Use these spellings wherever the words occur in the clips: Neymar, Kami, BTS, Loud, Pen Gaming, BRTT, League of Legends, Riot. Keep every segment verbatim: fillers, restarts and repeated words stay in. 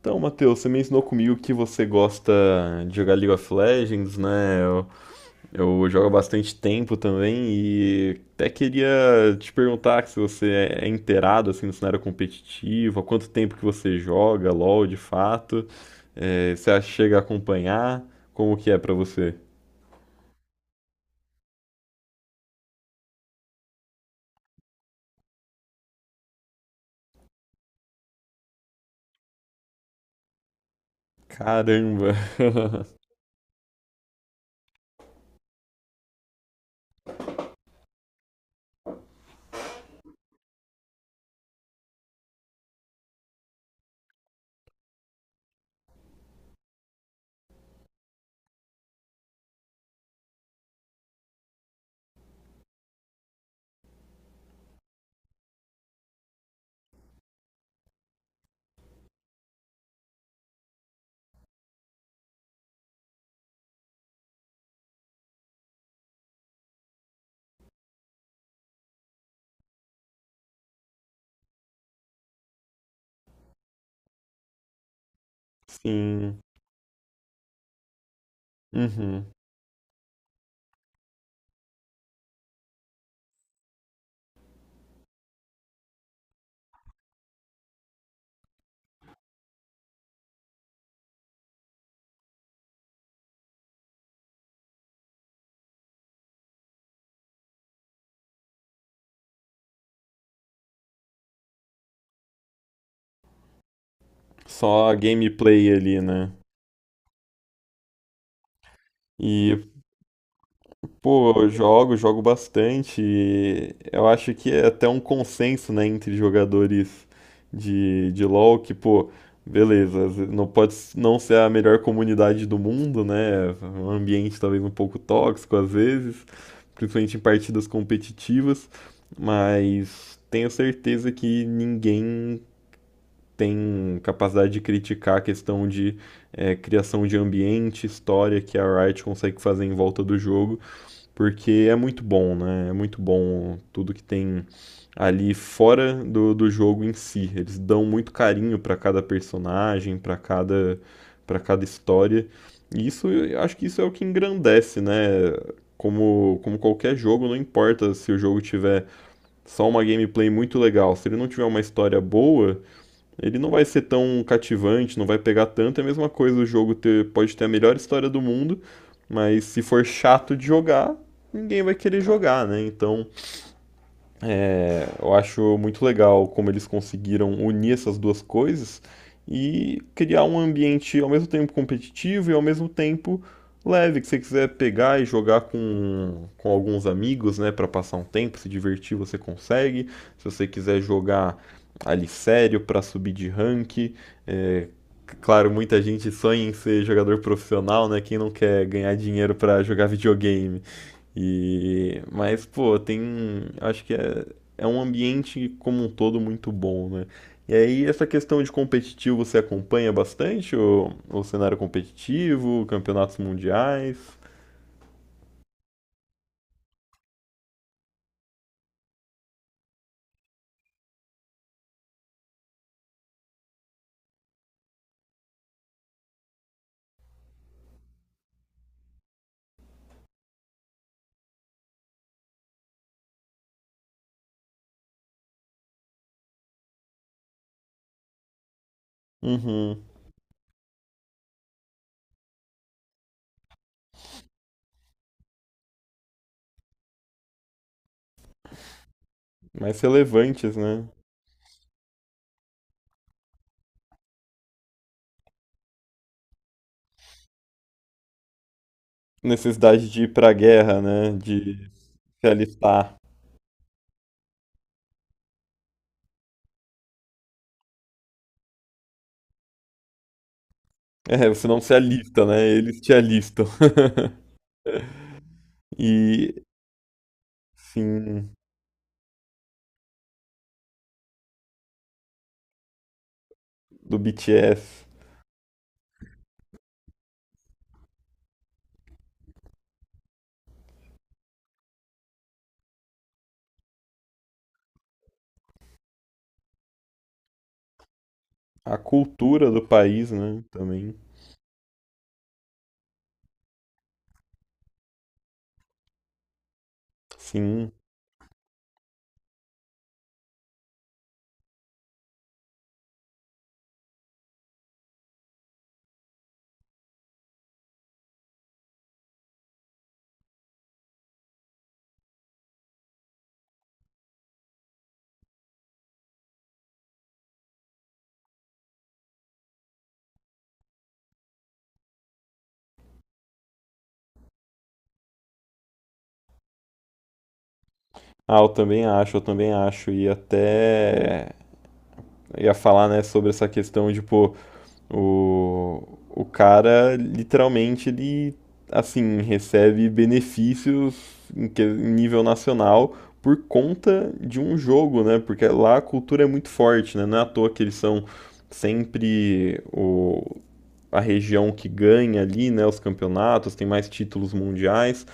Então, Matheus, você mencionou comigo que você gosta de jogar League of Legends, né? Eu, eu jogo há bastante tempo também e até queria te perguntar se você é é inteirado assim, no cenário competitivo, há quanto tempo que você joga LoL de fato, é, você acha que chega a acompanhar, como que é pra você? Caramba! Sim. Uhum. Só a gameplay ali, né? E pô, eu jogo, jogo bastante. E eu acho que é até um consenso, né, entre jogadores de, de LoL que, pô, beleza, às vezes não pode s- não ser a melhor comunidade do mundo, né? Um ambiente talvez um pouco tóxico às vezes, principalmente em partidas competitivas, mas tenho certeza que ninguém tem capacidade de criticar a questão de eh, criação de ambiente, história que a Riot consegue fazer em volta do jogo. Porque é muito bom, né? É muito bom tudo que tem ali fora do, do jogo em si. Eles dão muito carinho para cada personagem, para cada, para cada história. E isso, eu acho que isso é o que engrandece, né? Como, como qualquer jogo, não importa se o jogo tiver só uma gameplay muito legal, se ele não tiver uma história boa, ele não vai ser tão cativante, não vai pegar tanto. É a mesma coisa o jogo ter, pode ter a melhor história do mundo, mas se for chato de jogar, ninguém vai querer jogar, né? Então, eu acho muito legal como eles conseguiram unir essas duas coisas e criar um ambiente ao mesmo tempo competitivo e ao mesmo tempo leve, que você quiser pegar e jogar com, com alguns amigos, né, para passar um tempo, se divertir, você consegue. Se você quiser jogar ali sério para subir de rank, é, claro, muita gente sonha em ser jogador profissional, né? Quem não quer ganhar dinheiro para jogar videogame? E mas pô, tem, acho que é é um ambiente como um todo muito bom, né? E aí, essa questão de competitivo, você acompanha bastante o, o cenário competitivo, campeonatos mundiais? Uhum. Mais relevantes, né? Necessidade de ir pra guerra, né? De se alistar. É, você não se alista, né? Eles te alistam. E, sim, do B T S. A cultura do país, né? Também. Sim. Ah, eu também acho, eu também acho. E até ia falar, né, sobre essa questão de, pô, o, o cara literalmente ele assim recebe benefícios em, que- em nível nacional por conta de um jogo, né? Porque lá a cultura é muito forte, né? Não é à toa que eles são sempre o, a região que ganha ali, né, os campeonatos, tem mais títulos mundiais.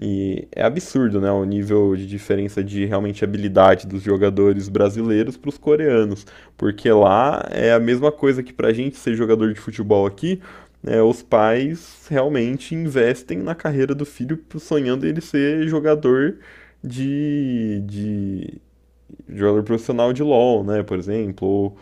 E é absurdo, né, o nível de diferença de realmente habilidade dos jogadores brasileiros para os coreanos, porque lá é a mesma coisa que para a gente ser jogador de futebol aqui, né, os pais realmente investem na carreira do filho sonhando ele ser jogador de, de jogador profissional de LoL, né, por exemplo, ou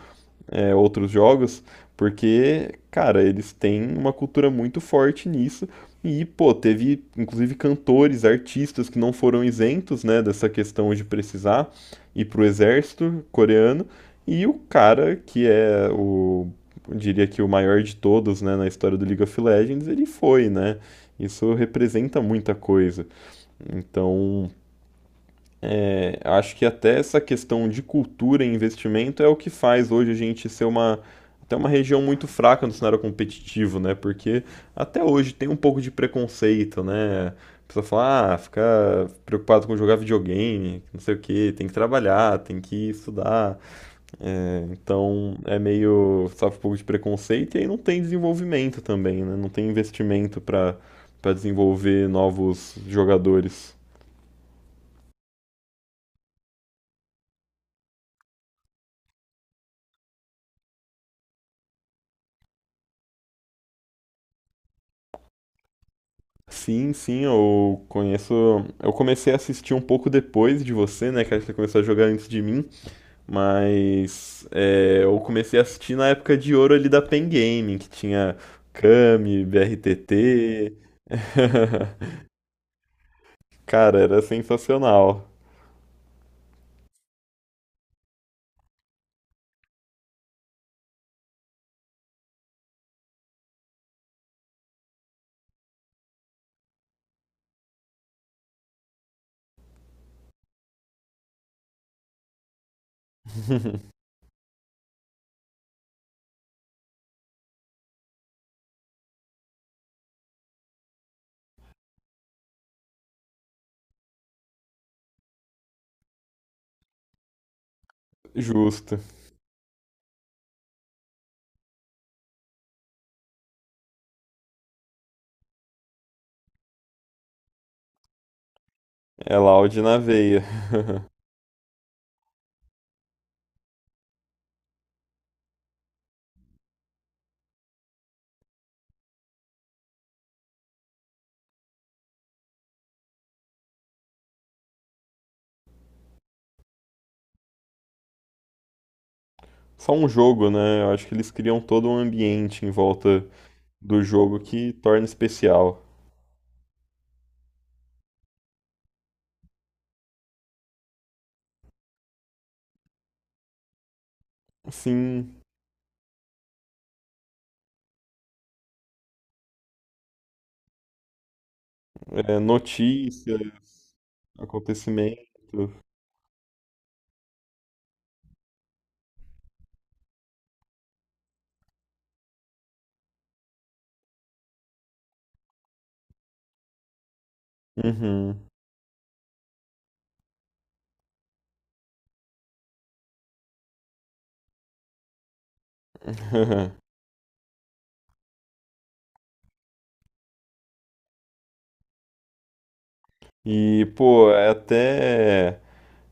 é, outros jogos, porque, cara, eles têm uma cultura muito forte nisso. E, pô, teve inclusive cantores, artistas que não foram isentos, né, dessa questão de precisar ir pro exército coreano. E o cara, que é o, eu diria que o maior de todos, né, na história do League of Legends, ele foi, né? Isso representa muita coisa. Então, acho que até essa questão de cultura e investimento é o que faz hoje a gente ser uma, até uma região muito fraca no cenário competitivo, né? Porque até hoje tem um pouco de preconceito, né? A pessoa fala, ah, fica preocupado com jogar videogame, não sei o quê, tem que trabalhar, tem que estudar. É, então é meio, sofre um pouco de preconceito e aí não tem desenvolvimento também, né? Não tem investimento para para desenvolver novos jogadores. Sim, sim, eu conheço. Eu comecei a assistir um pouco depois de você, né? Que acho que você começou a jogar antes de mim. Mas é, eu comecei a assistir na época de ouro ali da Pen Gaming, que tinha Kami, B R T T. Cara, era sensacional. Justo. É Loud na veia. Só um jogo, né? Eu acho que eles criam todo um ambiente em volta do jogo que torna especial. Sim. É, notícias, acontecimentos. Uhum. E, pô, é até,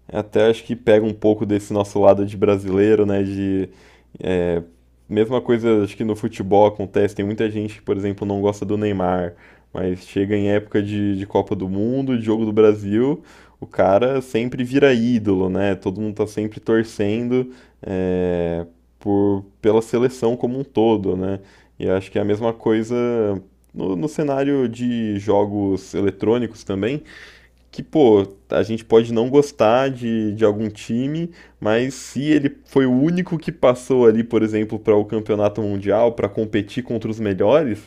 é até acho que pega um pouco desse nosso lado de brasileiro, né? De mesma coisa, acho que no futebol acontece, tem muita gente que, por exemplo, não gosta do Neymar, mas chega em época de, de Copa do Mundo, de Jogo do Brasil, o cara sempre vira ídolo, né? Todo mundo tá sempre torcendo é, por, pela seleção como um todo, né? E acho que é a mesma coisa no, no cenário de jogos eletrônicos também que, pô, a gente pode não gostar de, de algum time, mas se ele foi o único que passou ali, por exemplo, para o campeonato mundial, para competir contra os melhores,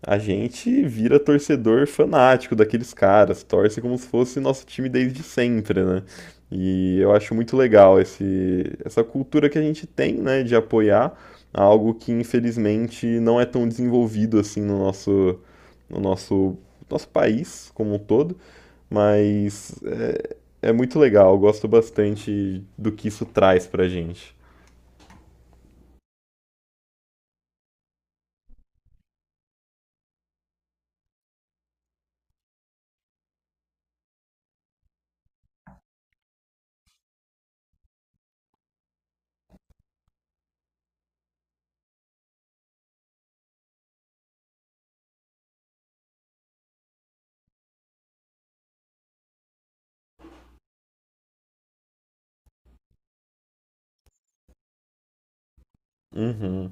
a gente vira torcedor fanático daqueles caras, torce como se fosse nosso time desde sempre, né? E eu acho muito legal esse, essa cultura que a gente tem, né, de apoiar algo que infelizmente não é tão desenvolvido assim no nosso, no nosso, nosso país como um todo, mas é, é muito legal, eu gosto bastante do que isso traz pra gente. Uhum.